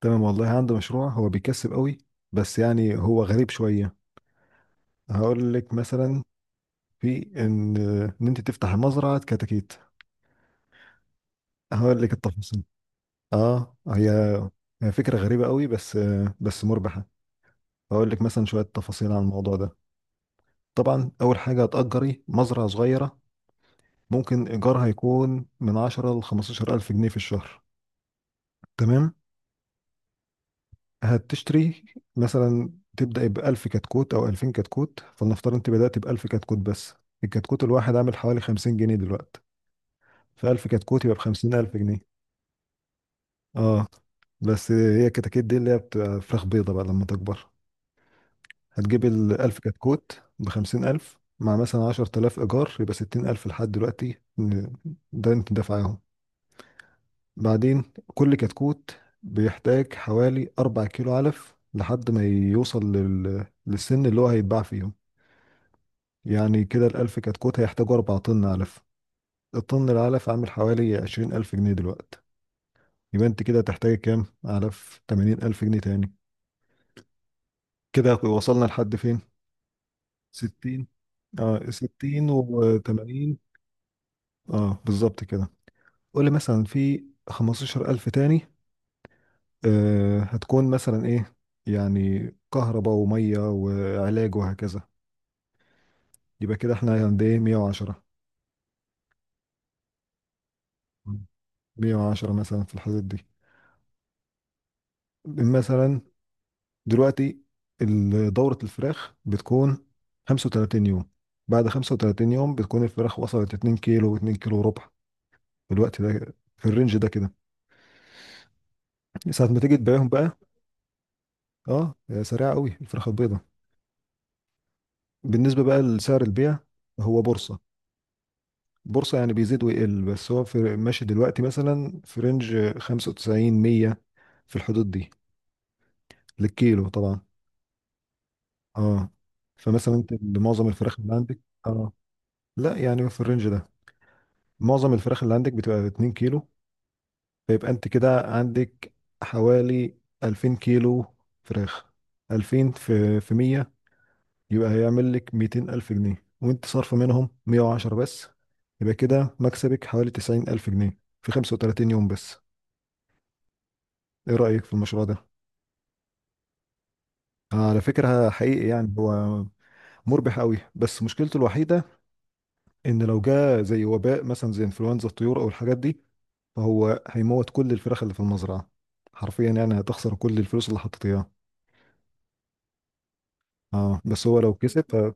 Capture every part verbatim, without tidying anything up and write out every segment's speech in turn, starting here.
تمام والله عنده مشروع هو بيكسب قوي. بس يعني هو غريب شوية، هقول لك مثلا. في ان ان انت تفتح مزرعة كتاكيت. هقول لك التفاصيل. اه، هي هي فكرة غريبة قوي بس. بس مربحة. هقول لك مثلا شوية تفاصيل عن الموضوع ده. طبعا اول حاجة هتأجري مزرعة صغيرة، ممكن ايجارها يكون من عشرة ل خمستاشر الف جنيه في الشهر. تمام. هتشتري مثلا، تبدأ بألف كتكوت أو ألفين كتكوت. فلنفترض أنت بدأت بألف كتكوت بس. الكتكوت الواحد عامل حوالي خمسين جنيه دلوقتي، فألف كتكوت يبقى بخمسين ألف جنيه. اه. بس هي الكتاكيت دي اللي هي بتبقى فراخ بيضة بقى لما تكبر. هتجيب الألف كتكوت بخمسين ألف مع مثلا عشر تلاف إيجار، يبقى ستين ألف لحد دلوقتي. ده أنت دافعاهم. بعدين كل كتكوت بيحتاج حوالي أربع كيلو علف لحد ما يوصل لل... للسن اللي هو هيتباع فيه. يعني كده الألف كتكوت هيحتاجوا أربع طن علف. الطن العلف عامل حوالي عشرين ألف جنيه دلوقتي. يبقى أنت كده هتحتاجي كام علف؟ تمانين ألف جنيه تاني. كده وصلنا لحد فين؟ ستين. اه، ستين وتمانين. اه بالظبط كده. قولي مثلا في خمستاشر ألف تاني. آه، هتكون مثلا إيه؟ يعني كهرباء ومية وعلاج وهكذا. يبقى كده احنا عند ايه؟ مية وعشرة. مية وعشرة مثلا، في الحدود دي. مثلا. دلوقتي ال- دورة الفراخ بتكون خمسة وثلاثين يوم. بعد خمسة وثلاثين يوم بتكون الفراخ وصلت اتنين كيلو و2 كيلو وربع في الوقت ده، في الرينج ده كده، ساعة ما تيجي تبيعهم بقى. اه سريعة قوي الفراخ البيضة. بالنسبة بقى لسعر البيع، هو بورصة. بورصة، يعني بيزيد ويقل، بس هو في ماشي دلوقتي مثلا في رينج خمسة وتسعين مية، في الحدود دي، للكيلو طبعا. اه. فمثلا انت معظم الفراخ اللي عندك، اه، لا يعني في الرينج ده، معظم الفراخ اللي عندك بتبقى اتنين كيلو. فيبقى انت كده عندك حوالي ألفين كيلو فراخ. ألفين في في مية، يبقى هيعمل لك ميتين ألف جنيه، وانت صارفة منهم مية وعشرة بس. يبقى كده مكسبك حوالي تسعين ألف جنيه في خمسة وتلاتين يوم بس. ايه رأيك في المشروع ده؟ على فكرة حقيقي يعني هو مربح قوي، بس مشكلته الوحيدة ان لو جه زي وباء مثلا، زي انفلونزا الطيور او الحاجات دي، فهو هيموت كل الفراخ اللي في المزرعة. حرفيا يعني هتخسر كل الفلوس اللي حطيت اياها. اه، بس هو لو كسب ففي.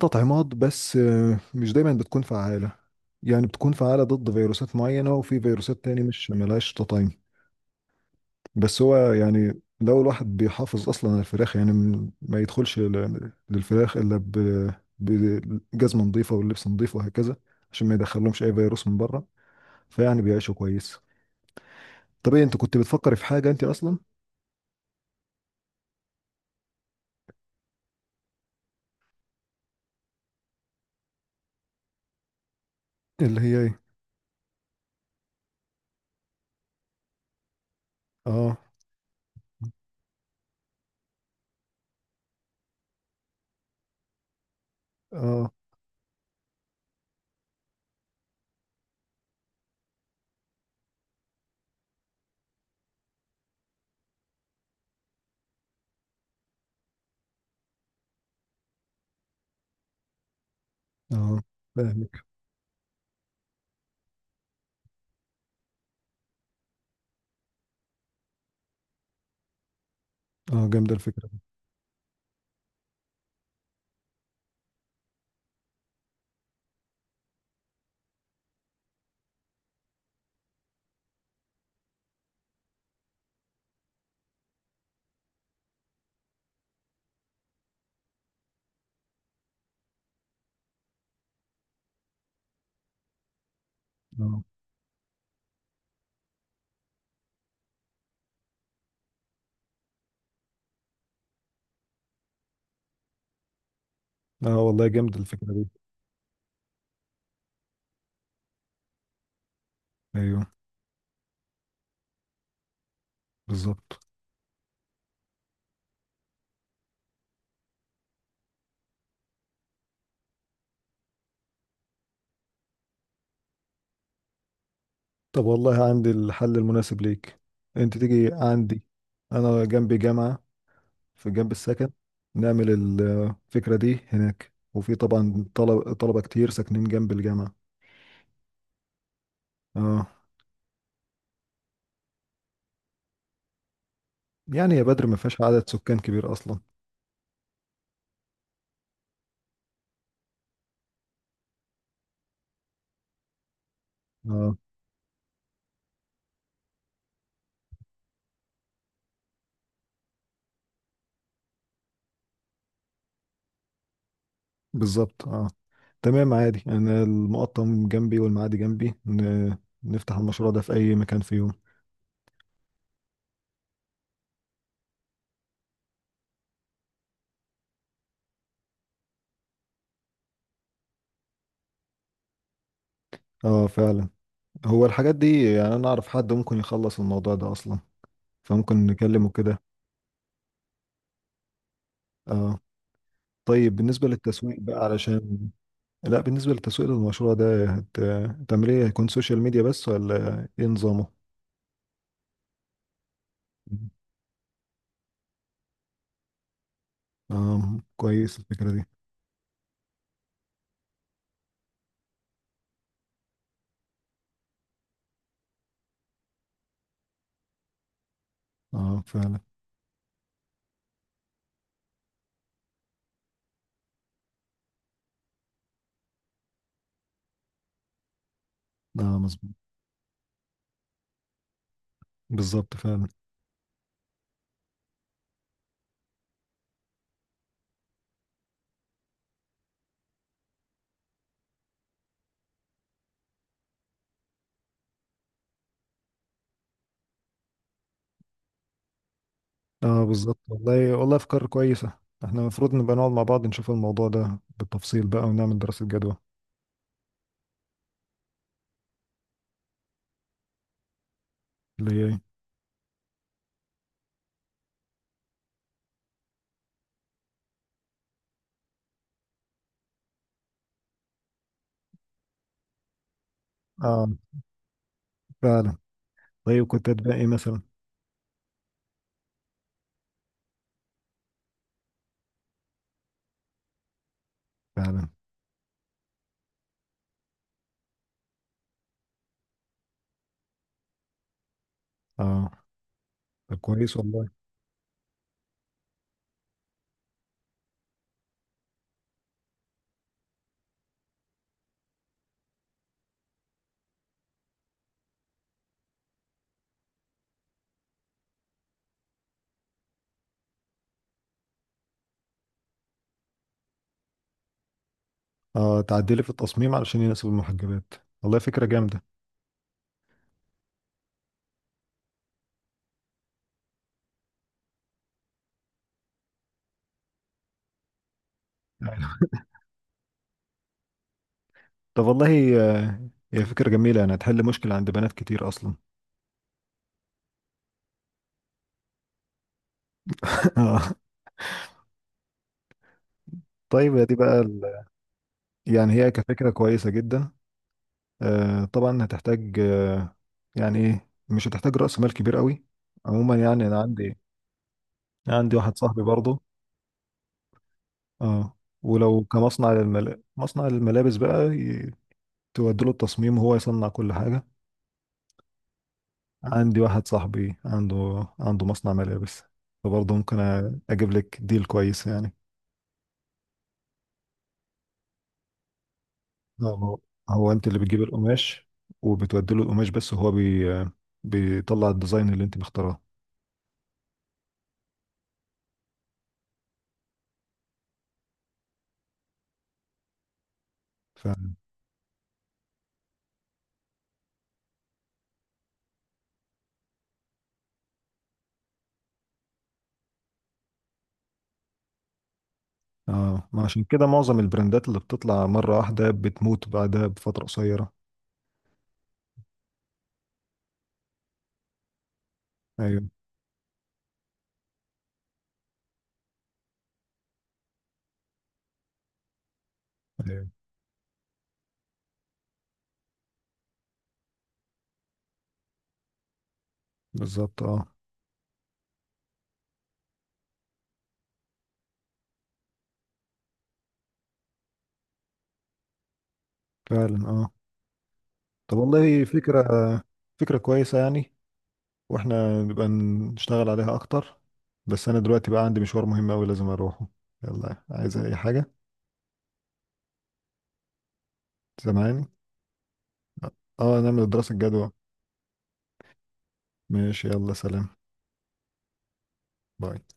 تطعيمات، بس آه، مش دايما بتكون فعالة. يعني بتكون فعالة ضد فيروسات معينة، وفي فيروسات تاني مش ملهاش تطعيم. بس هو يعني لو الواحد بيحافظ أصلا على الفراخ، يعني م- ما يدخلش ل- للفراخ إلا ب- بجزمة نظيفة واللبس نظيف وهكذا، عشان ما يدخلهمش أي فيروس من بره. فيعني بيعيشوا كويس. طب إيه؟ أنت كنت بتفكري في حاجة أنت أصلا؟ اللي هي إيه؟ آه. اه، اه، فاهمك. اه، جامدة الفكرة دي. اه، اه، والله جامدة الفكرة دي. ايوه. بالظبط. طب والله عندي الحل المناسب ليك. انت تيجي عندي. انا جنبي جامعة، في جنب السكن. نعمل ال- الفكرة دي هناك، وفي طبعا طلبة طلبة كتير ساكنين جنب الجامعة. اه. يعني يا بدر، ما فيهاش عدد سكان كبير اصلا. اه، بالظبط اه. تمام عادي، انا المقطم جنبي والمعادي جنبي. ن- نفتح المشروع ده في اي مكان في يوم. اه فعلا. هو الحاجات دي، يعني انا اعرف حد ممكن يخلص الموضوع ده اصلا، فممكن نكلمه كده. اه. طيب بالنسبة للتسويق بقى، علشان. لا، بالنسبة للتسويق للمشروع ده، هت... هتعمل ايه؟ هيكون سوشيال ميديا بس ولا ايه نظامه؟ اه، كويس الفكرة دي. اه فعلا. اه مظبوط. بالظبط فعلا. اه بالظبط. والله والله افكار كويسة. احنا المفروض نبقى نقعد مع بعض، نشوف الموضوع ده بالتفصيل بقى، ونعمل دراسة جدوى. اللي هي إيه؟ اه فعلا. طيب كنت هتبقى ايه مثلا؟ فعلا. اه، طب كويس والله. اه، تعدلي في التصميم علشان يناسب المحجبات. والله فكرة جامدة. طب والله آه، هي فكرة جميلة، يعني هتحل مشكلة عند بنات كتير أصلا. آه. طيب هي دي بقى ال... يعني هي كفكرة كويسة جدا. آه طبعا هتحتاج. آه، يعني ايه، مش هتحتاج رأس مال كبير قوي عموما. يعني أنا عندي عندي واحد صاحبي برضه. اه، ولو كمصنع للمل... مصنع للملابس بقى، ي... تودي له التصميم وهو يصنع كل حاجة. عندي واحد صاحبي عنده عنده مصنع ملابس. فبرضه ممكن أ- اجيب لك ديل كويس يعني. لا، هو، هو انت اللي بتجيب القماش، وبتودي له القماش، بس هو بي بيطلع الديزاين اللي انت مختاراه. ف اه، ما عشان كده معظم البراندات اللي بتطلع مرة واحدة بتموت بعدها بفترة قصيرة. ايوه. ايوه بالظبط. اه فعلا. اه. طب والله فكرة فكرة كويسة يعني. واحنا نبقى نشتغل عليها اكتر. بس انا دلوقتي بقى عندي مشوار مهم اوي لازم اروحه. يلا، عايز اي حاجة؟ سامعني؟ اه، نعمل دراسة جدوى. ماشي، يلا سلام. باي.